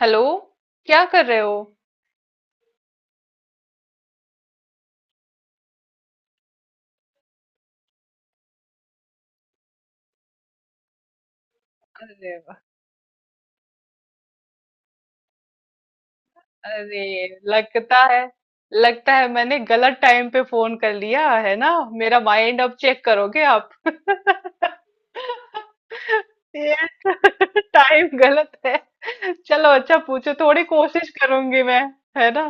Hello. क्या कर रहे हो? अरे वाह। अरे, लगता है लगता है मैंने गलत टाइम पे फोन कर लिया है ना। मेरा माइंड अब चेक करोगे आप? ये टाइम गलत है। चलो, अच्छा पूछो, थोड़ी कोशिश करूंगी मैं। है ना।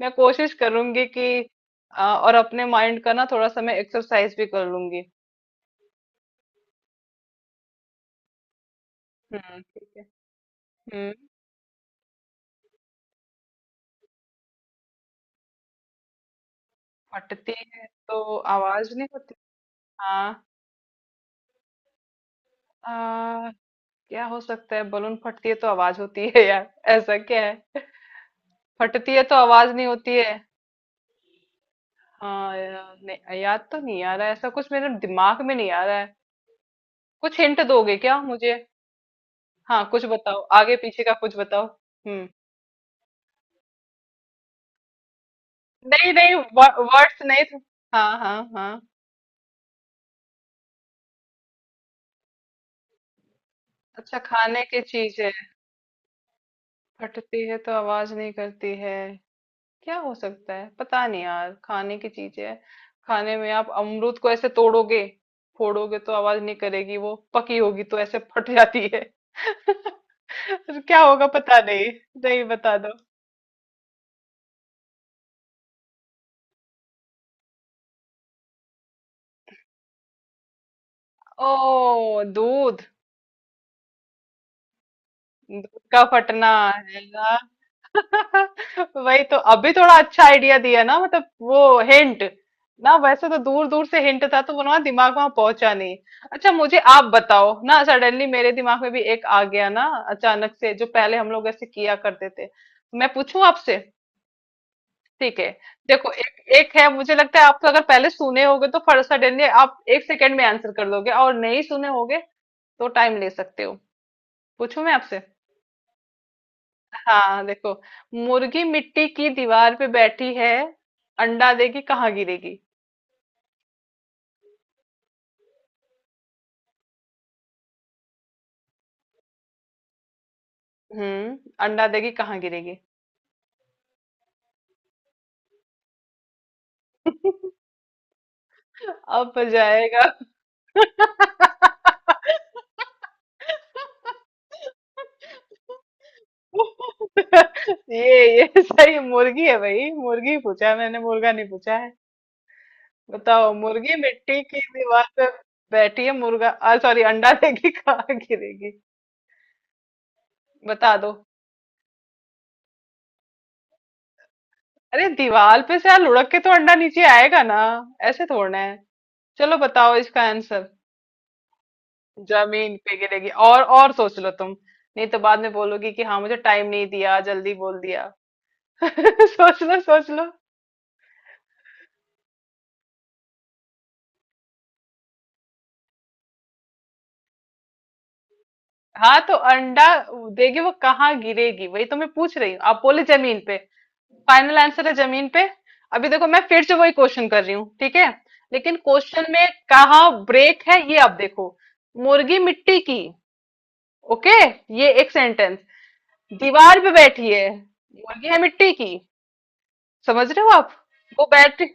मैं कोशिश करूंगी कि और अपने माइंड का ना थोड़ा सा मैं एक्सरसाइज भी कर लूंगी। हम्म, ठीक है। हम्म। फटती है तो आवाज नहीं होती। हाँ। क्या हो सकता है? बलून फटती है तो आवाज होती है यार। ऐसा क्या है? फटती है तो आवाज नहीं होती है? हाँ यार, नहीं याद तो नहीं आ रहा है, ऐसा कुछ मेरे दिमाग में नहीं आ रहा है। कुछ हिंट दोगे क्या मुझे? हाँ, कुछ बताओ, आगे पीछे का कुछ बताओ। हम्म। नहीं नहीं, वर्ड्स नहीं थे। हाँ हाँ हाँ। अच्छा, खाने की चीज है। फटती है तो आवाज नहीं करती है। क्या हो सकता है, पता नहीं यार, खाने की चीज है। खाने में आप अमरूद को ऐसे तोड़ोगे, फोड़ोगे तो आवाज नहीं करेगी, वो पकी होगी तो ऐसे फट जाती है। क्या होगा पता नहीं। नहीं, बता दो। ओ, दूध। दूध का फटना है। वही तो, अभी थोड़ा अच्छा आइडिया दिया ना, मतलब वो हिंट ना, वैसे तो दूर दूर से हिंट था तो वो ना दिमाग वहां पहुंचा नहीं। अच्छा, मुझे आप बताओ ना, सडनली मेरे दिमाग में भी एक आ गया ना, अचानक से जो पहले हम लोग ऐसे किया करते थे, तो मैं पूछूं आपसे? ठीक है। देखो, एक एक है, मुझे लगता है आप तो अगर पहले सुने होगे तो फट सडनली आप 1 सेकेंड में आंसर कर दोगे, और नहीं सुने होगे तो टाइम ले सकते हो। पूछूं मैं आपसे? हाँ, देखो। मुर्गी मिट्टी की दीवार पे बैठी है, अंडा देगी कहाँ गिरेगी? हम्म। अंडा देगी कहाँ गिरेगी? अब जाएगा। ये सही मुर्गी है भाई, मुर्गी पूछा है मैंने, मुर्गा नहीं पूछा है। बताओ, मुर्गी मिट्टी की दीवार पे बैठी है मुर्गा, सॉरी, अंडा देगी कहाँ गिरेगी? बता दो। अरे दीवार पे से यार लुढ़क के तो अंडा नीचे आएगा ना, ऐसे थोड़ना है। चलो, बताओ इसका आंसर। जमीन पे गिरेगी, और सोच लो तुम, नहीं तो बाद में बोलोगी कि हाँ मुझे टाइम नहीं दिया, जल्दी बोल दिया। सोच लो सोच लो। हाँ तो अंडा देगी वो, कहाँ गिरेगी, वही तो मैं पूछ रही हूँ, आप बोले जमीन पे? फाइनल आंसर है जमीन पे? अभी देखो, मैं फिर से वही क्वेश्चन कर रही हूँ, ठीक है। लेकिन क्वेश्चन में कहाँ ब्रेक है, ये आप देखो। मुर्गी मिट्टी की, ओके, ये एक सेंटेंस। दीवार पे बैठी है। मुर्गी है मिट्टी की, समझ रहे हो आप? वो बैठ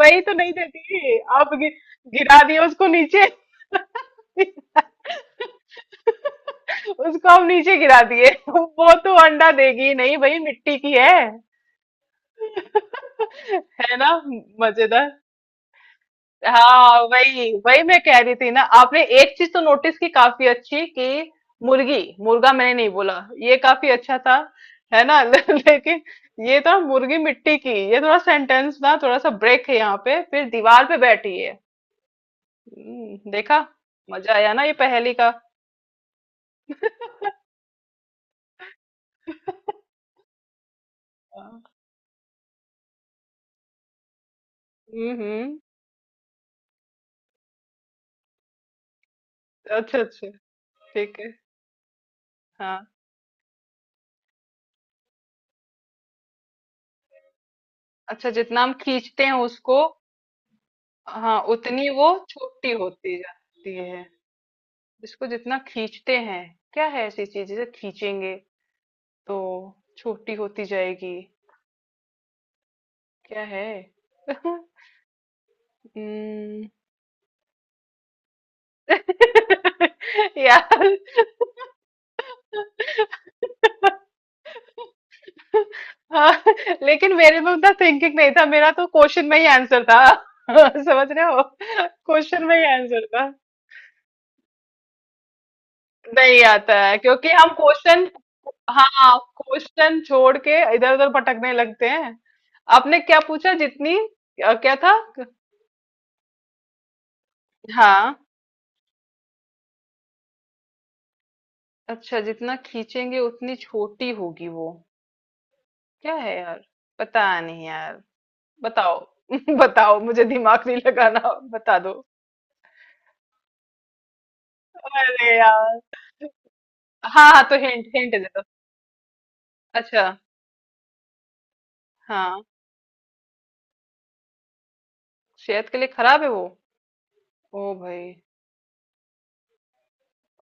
वही तो नहीं देती, आप गिरा दिए उसको नीचे। उसको हम नीचे गिरा दिए। वो तो अंडा देगी नहीं भाई, मिट्टी की है। है ना, मजेदार। हाँ वही वही मैं कह रही थी ना, आपने एक चीज तो नोटिस की काफी अच्छी, कि मुर्गी। मुर्गा मैंने नहीं बोला, ये काफी अच्छा था, है ना। लेकिन ये तो मुर्गी मिट्टी की, ये थोड़ा सेंटेंस ना थोड़ा सा ब्रेक है यहाँ पे, फिर दीवार पे बैठी है। देखा, मजा आया ना ये पहेली का। हाँ। हम्म। अच्छा अच्छा, ठीक है। हाँ। अच्छा, जितना हम खींचते हैं उसको। हाँ, उतनी वो छोटी होती जाती है। इसको जितना खींचते हैं, क्या है ऐसी चीज जिसे खींचेंगे तो छोटी होती जाएगी? क्या है? हम्म। यार, हाँ, लेकिन मेरे में उतना थिंकिंग नहीं था, मेरा तो क्वेश्चन में ही आंसर था। समझ रहे हो, क्वेश्चन में ही आंसर था। नहीं आता है क्योंकि हम क्वेश्चन, हाँ, क्वेश्चन छोड़ के इधर उधर भटकने लगते हैं। आपने क्या पूछा, जितनी, क्या था? हाँ। अच्छा, जितना खींचेंगे उतनी छोटी होगी वो, क्या है यार? पता नहीं यार, बताओ। बताओ, मुझे दिमाग नहीं लगाना, बता दो। अरे यार, हाँ हाँ तो हिंट हिंट दे दो। अच्छा। हाँ, सेहत के लिए खराब है वो? ओ भाई,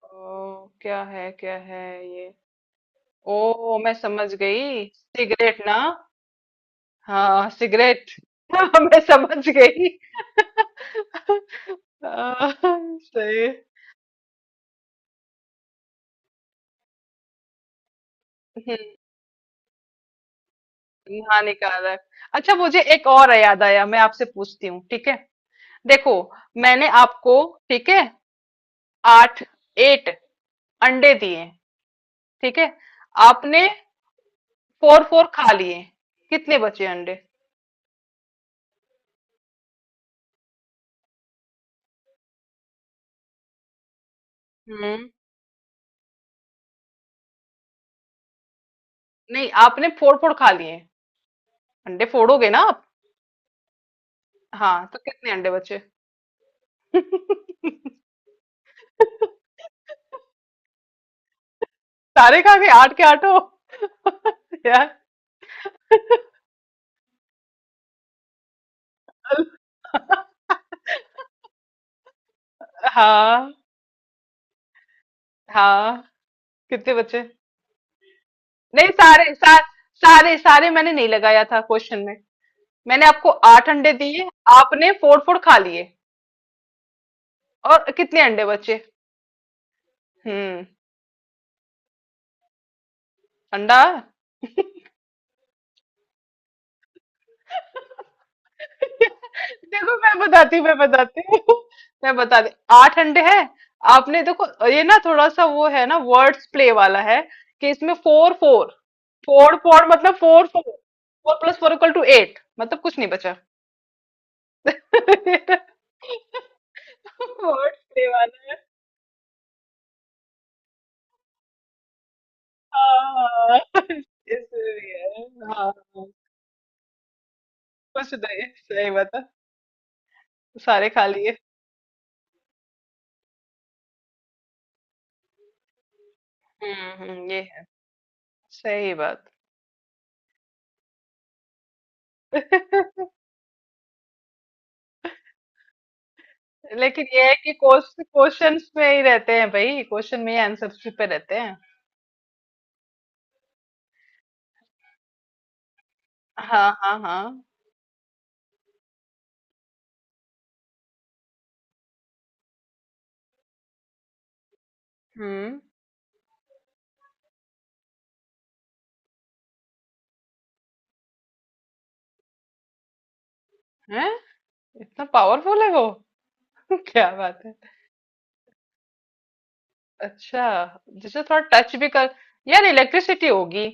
ओ क्या है ये? ओ, मैं समझ गई, सिगरेट ना? हाँ सिगरेट। मैं समझ गई। सही। हम्म। हानिकारक। अच्छा, मुझे एक और याद आया, मैं आपसे पूछती हूँ, ठीक है। देखो, मैंने आपको, ठीक है, आठ, एट अंडे दिए, ठीक है। आपने फोर फोर खा लिए, कितने बचे अंडे? हम्म। नहीं, आपने फोर फोर खा लिए, अंडे फोड़ोगे ना आप। हाँ, तो कितने अंडे बचे? सारे खा गए आठ के आठों। यार। हाँ हाँ। कितने बचे? नहीं, सारे सारे मैंने नहीं लगाया था क्वेश्चन में। मैंने आपको आठ अंडे दिए, आपने फोड़ फोड़ खा लिए, और कितने अंडे बचे? हम्म। अंडा? देखो, मैं बताती हूँ। मैं बताती, आठ अंडे हैं। आपने देखो, ये ना थोड़ा सा वो है ना, वर्ड्स प्ले वाला है, कि इसमें फोर फोर, फोर फोर मतलब four four, four plus four equal to eight, मतलब कुछ नहीं बचा। वर्ड्स प्ले वाला है। हाँ, इसलिए हाँ। कुछ नहीं, सही बात है, सारे खा लिए। ये है सही बात। लेकिन ये है कि क्वेश्चंस में ही रहते हैं भाई, क्वेश्चन में ही आंसर्स पे रहते हैं। हाँ हाँ हाँ। हम्म। है, इतना पावरफुल है वो? क्या बात है। अच्छा, जिसे थोड़ा टच भी कर, यार इलेक्ट्रिसिटी होगी।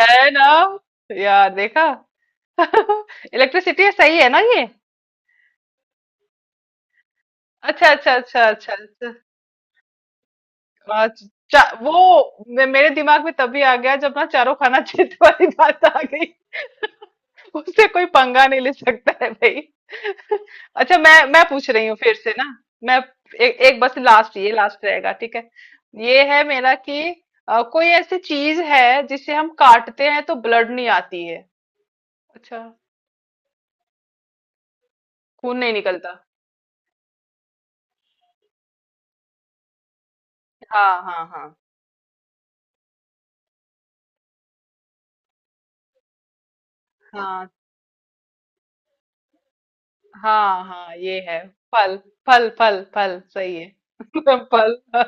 है ना, यार देखा। इलेक्ट्रिसिटी है, सही है ना ये? अच्छा अच्छा अच्छा अच्छा अच्छा। आज वो मेरे दिमाग में तभी आ गया जब ना चारों खाना क्षेत्र वाली बात आ गई, उससे कोई पंगा नहीं ले सकता है भाई। अच्छा, मैं पूछ रही हूँ फिर से ना, मैं एक बस लास्ट, ये लास्ट रहेगा, ठीक है। ये है मेरा कि कोई ऐसी चीज है जिसे हम काटते हैं तो ब्लड नहीं आती है? अच्छा। खून नहीं निकलता। हाँ हाँ हाँ। हाँ हाँ हाँ, ये है। फल। फल फल फल सही है। फल।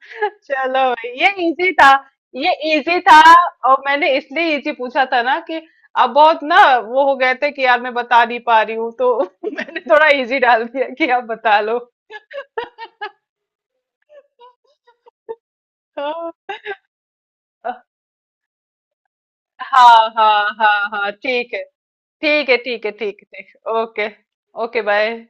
चलो भाई, ये इजी था, ये इजी था, और मैंने इसलिए इजी पूछा था ना, कि अब बहुत ना वो हो गए थे कि यार मैं बता नहीं पा रही हूँ तो। मैंने थोड़ा इजी डाल दिया कि आप बता लो। हाँ हाँ हाँ हाँ हाँ, ठीक है। ठीक है ठीक है ठीक है। ओके। Okay bye.